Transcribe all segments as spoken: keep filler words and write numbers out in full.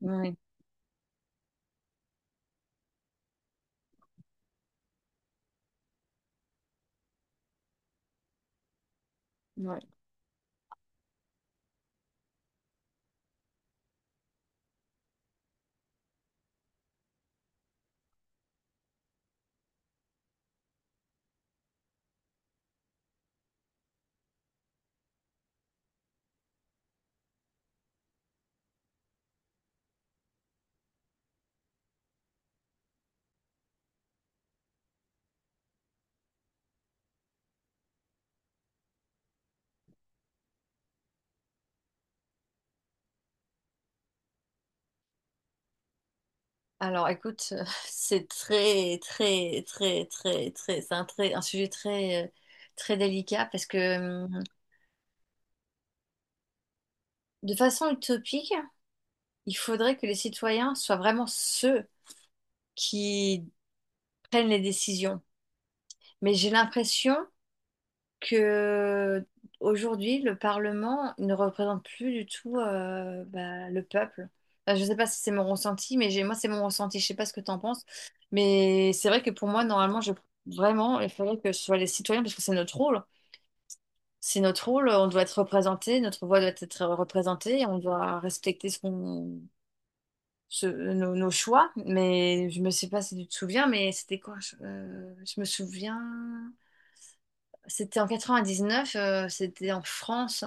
Oui, oui. Alors, écoute, euh, c'est très, très, très, très, très, c'est un, très, un sujet très, euh, très délicat parce que, hum, de façon utopique, il faudrait que les citoyens soient vraiment ceux qui prennent les décisions. Mais j'ai l'impression que aujourd'hui le Parlement ne représente plus du tout euh, bah, le peuple. Enfin, je ne sais pas si c'est mon ressenti, mais j'ai, moi c'est mon ressenti. Je ne sais pas ce que tu en penses, mais c'est vrai que pour moi normalement je vraiment il faudrait que ce soit les citoyens parce que c'est notre rôle. C'est notre rôle, on doit être représenté, notre voix doit être représentée, on doit respecter ce qu'on, ce- nos, nos choix. Mais je me sais pas si tu te souviens, mais c'était quoi? Je, euh, je me souviens, c'était en quatre-vingt-dix-neuf, euh, c'était en France.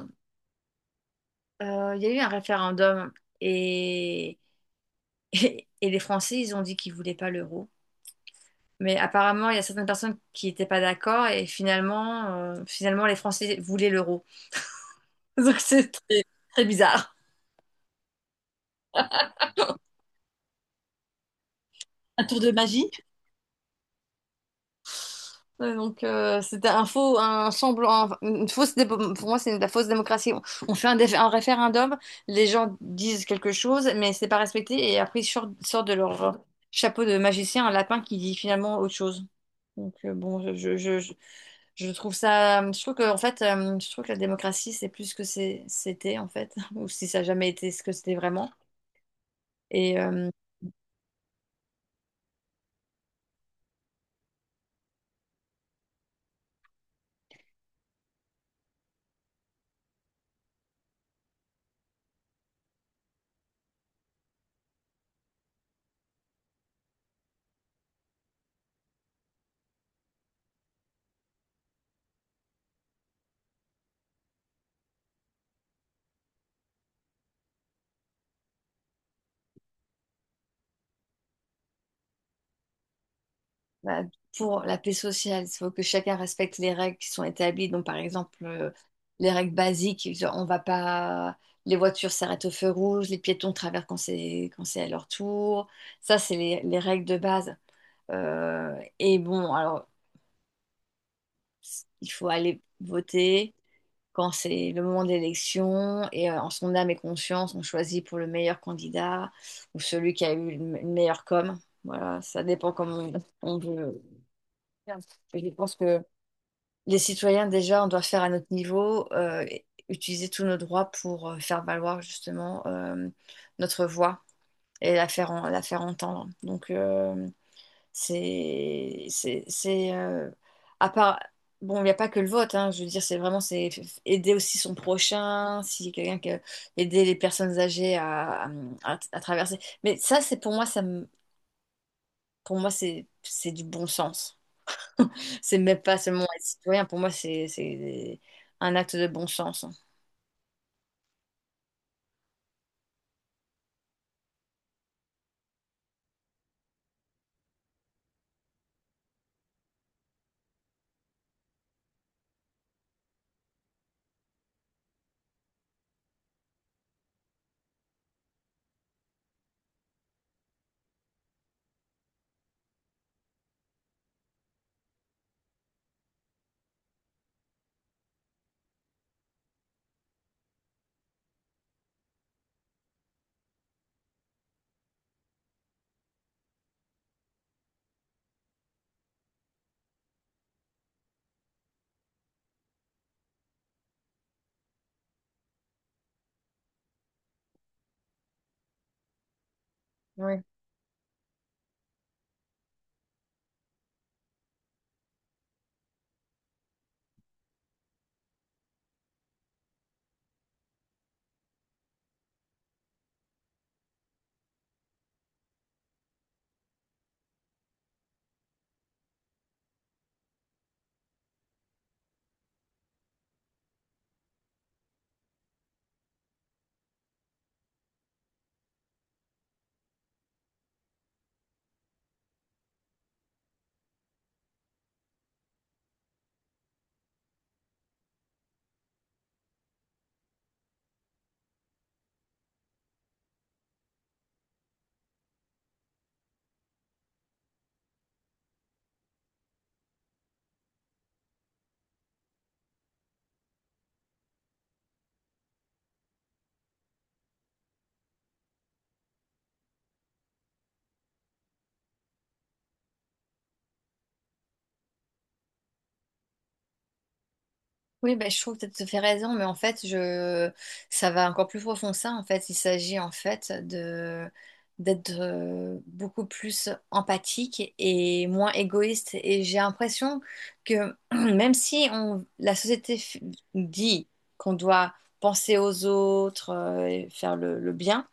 Euh, Il y a eu un référendum et, et, les Français, ils ont dit qu'ils voulaient pas l'euro. Mais apparemment, il y a certaines personnes qui n'étaient pas d'accord et finalement, euh, finalement, les Français voulaient l'euro. Donc c'est très, très bizarre. Un tour de magie? Ouais, donc euh, c'était un faux, un semblant, une fausse dé- pour moi c'est de la fausse démocratie. On, on fait un, dé- un référendum, les gens disent quelque chose, mais c'est pas respecté et après ils sortent, sortent de leur chapeau de magicien un lapin qui dit finalement autre chose. Donc euh, bon, je, je, je, je- trouve ça, je trouve que en fait, euh, je trouve que la démocratie c'est plus ce que c'est- c'était en fait, ou si ça a jamais été ce que c'était vraiment. Et euh, bah, pour la paix sociale, il faut que chacun respecte les règles qui sont établies. Donc, par exemple, euh, les règles basiques, genre, on va pas, les voitures s'arrêtent au feu rouge, les piétons traversent quand c'est quand c'est à leur tour. Ça, c'est les, les règles de base. Euh, et bon, alors, il faut aller voter quand c'est le moment de l'élection et euh, en son âme et conscience, on choisit pour le meilleur candidat ou celui qui a eu une meilleure com. Voilà, ça dépend comment on, on veut. Et je pense que les citoyens, déjà, on doit faire à notre niveau, euh, et utiliser tous nos droits pour euh, faire valoir justement euh, notre voix et la faire, en- la faire entendre. Donc, euh, c'est, c'est, c'est, euh, à part, bon, il n'y a pas que le vote, hein, je veux dire, c'est vraiment, c'est f- aider aussi son prochain, si quelqu'un que, aider les personnes âgées à, à, à traverser. Mais ça, c'est pour moi, ça me- pour moi, c'est, c'est du bon sens. C'est même pas seulement être citoyen, pour moi, c'est c'est un acte de bon sens. Hein. Oui. Oui, ben, je trouve que tu as fait raison, mais en fait, je... ça va encore plus profond que ça. En fait, il s'agit en fait de d'être euh, beaucoup plus empathique et moins égoïste. Et j'ai l'impression que même si on... la société f- dit qu'on doit penser aux autres euh, et faire le, le bien,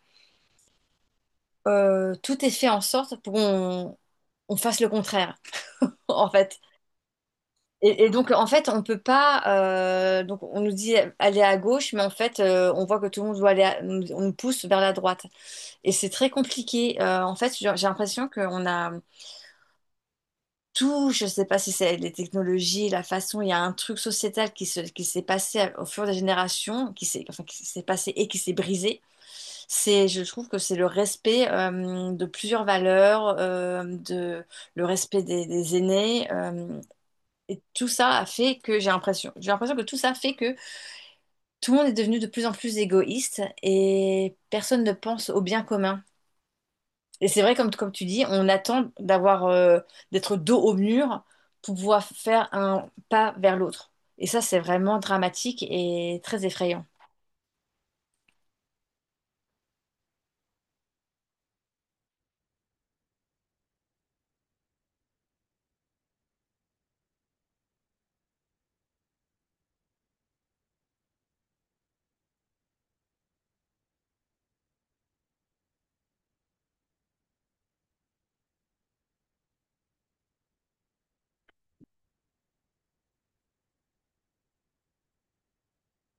euh, tout est fait en sorte pour qu'on on fasse le contraire. En fait, Et, et donc, en fait, on peut pas. Euh, donc, on nous dit aller à gauche, mais en fait, euh, on voit que tout le monde doit aller. À- nous- on nous pousse vers la droite. Et c'est très compliqué. Euh, en fait, j'ai j'ai l'impression qu'on a tout. Je sais pas si c'est les technologies, la façon. Il y a un truc sociétal qui se, qui s'est passé à- au fur des générations, qui s'est, enfin, qui s'est passé et qui s'est brisé. C'est, je trouve que c'est le respect euh, de plusieurs valeurs, euh, de le respect des, des aînés. Euh, et tout ça a fait que j'ai l'impression, j'ai l'impression que tout ça fait que tout le monde est devenu de plus en plus égoïste et personne ne pense au bien commun. Et c'est vrai, comme, comme tu dis, on attend d'avoir, euh, d'être dos au mur pour pouvoir faire un pas vers l'autre. Et ça, c'est vraiment dramatique et très effrayant.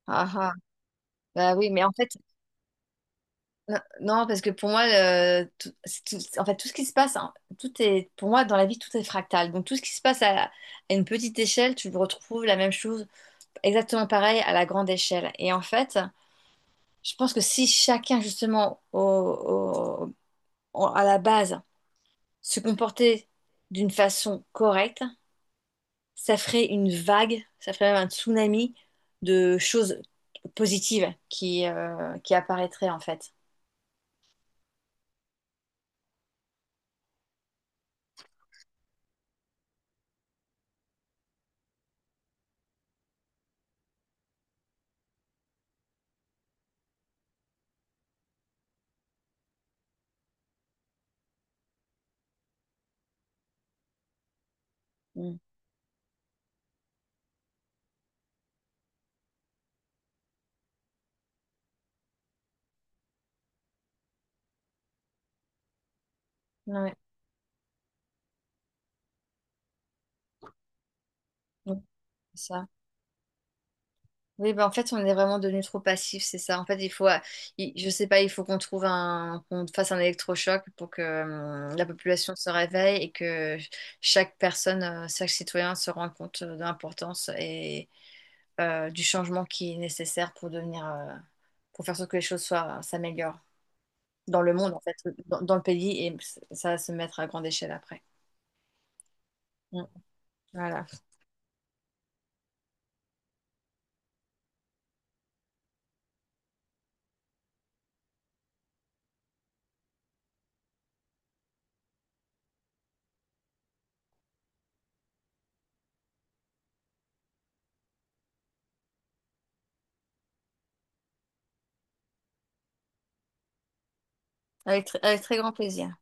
Ah ah, bah oui, mais en fait, n- non, parce que pour moi, euh, tout, c'est tout- en fait, tout ce qui se passe, hein, tout est, pour moi, dans la vie, tout est fractal. Donc, tout ce qui se passe à, à une petite échelle, tu retrouves la même chose exactement pareil à la grande échelle. Et en fait, je pense que si chacun, justement, au- au- au- à la base, se comportait d'une façon correcte, ça ferait une vague, ça ferait même un tsunami de choses positives qui, euh, qui apparaîtraient, en fait. Mm. Ouais. Donc, c'est ça. Oui, ben en fait, on est vraiment devenu trop passif, c'est ça. En fait, il faut, euh, il- je sais pas, il faut qu'on trouve un, qu'on fasse un électrochoc pour que euh, la population se réveille et que chaque personne, euh, chaque citoyen se rende compte euh, de l'importance et euh, du changement qui est nécessaire pour devenir, euh, pour faire en sorte que les choses soient, s'améliorent dans le monde, en fait, dans, dans le pays et ça va se mettre à grande échelle après. Mm. Voilà. Avec, tr- avec très grand plaisir.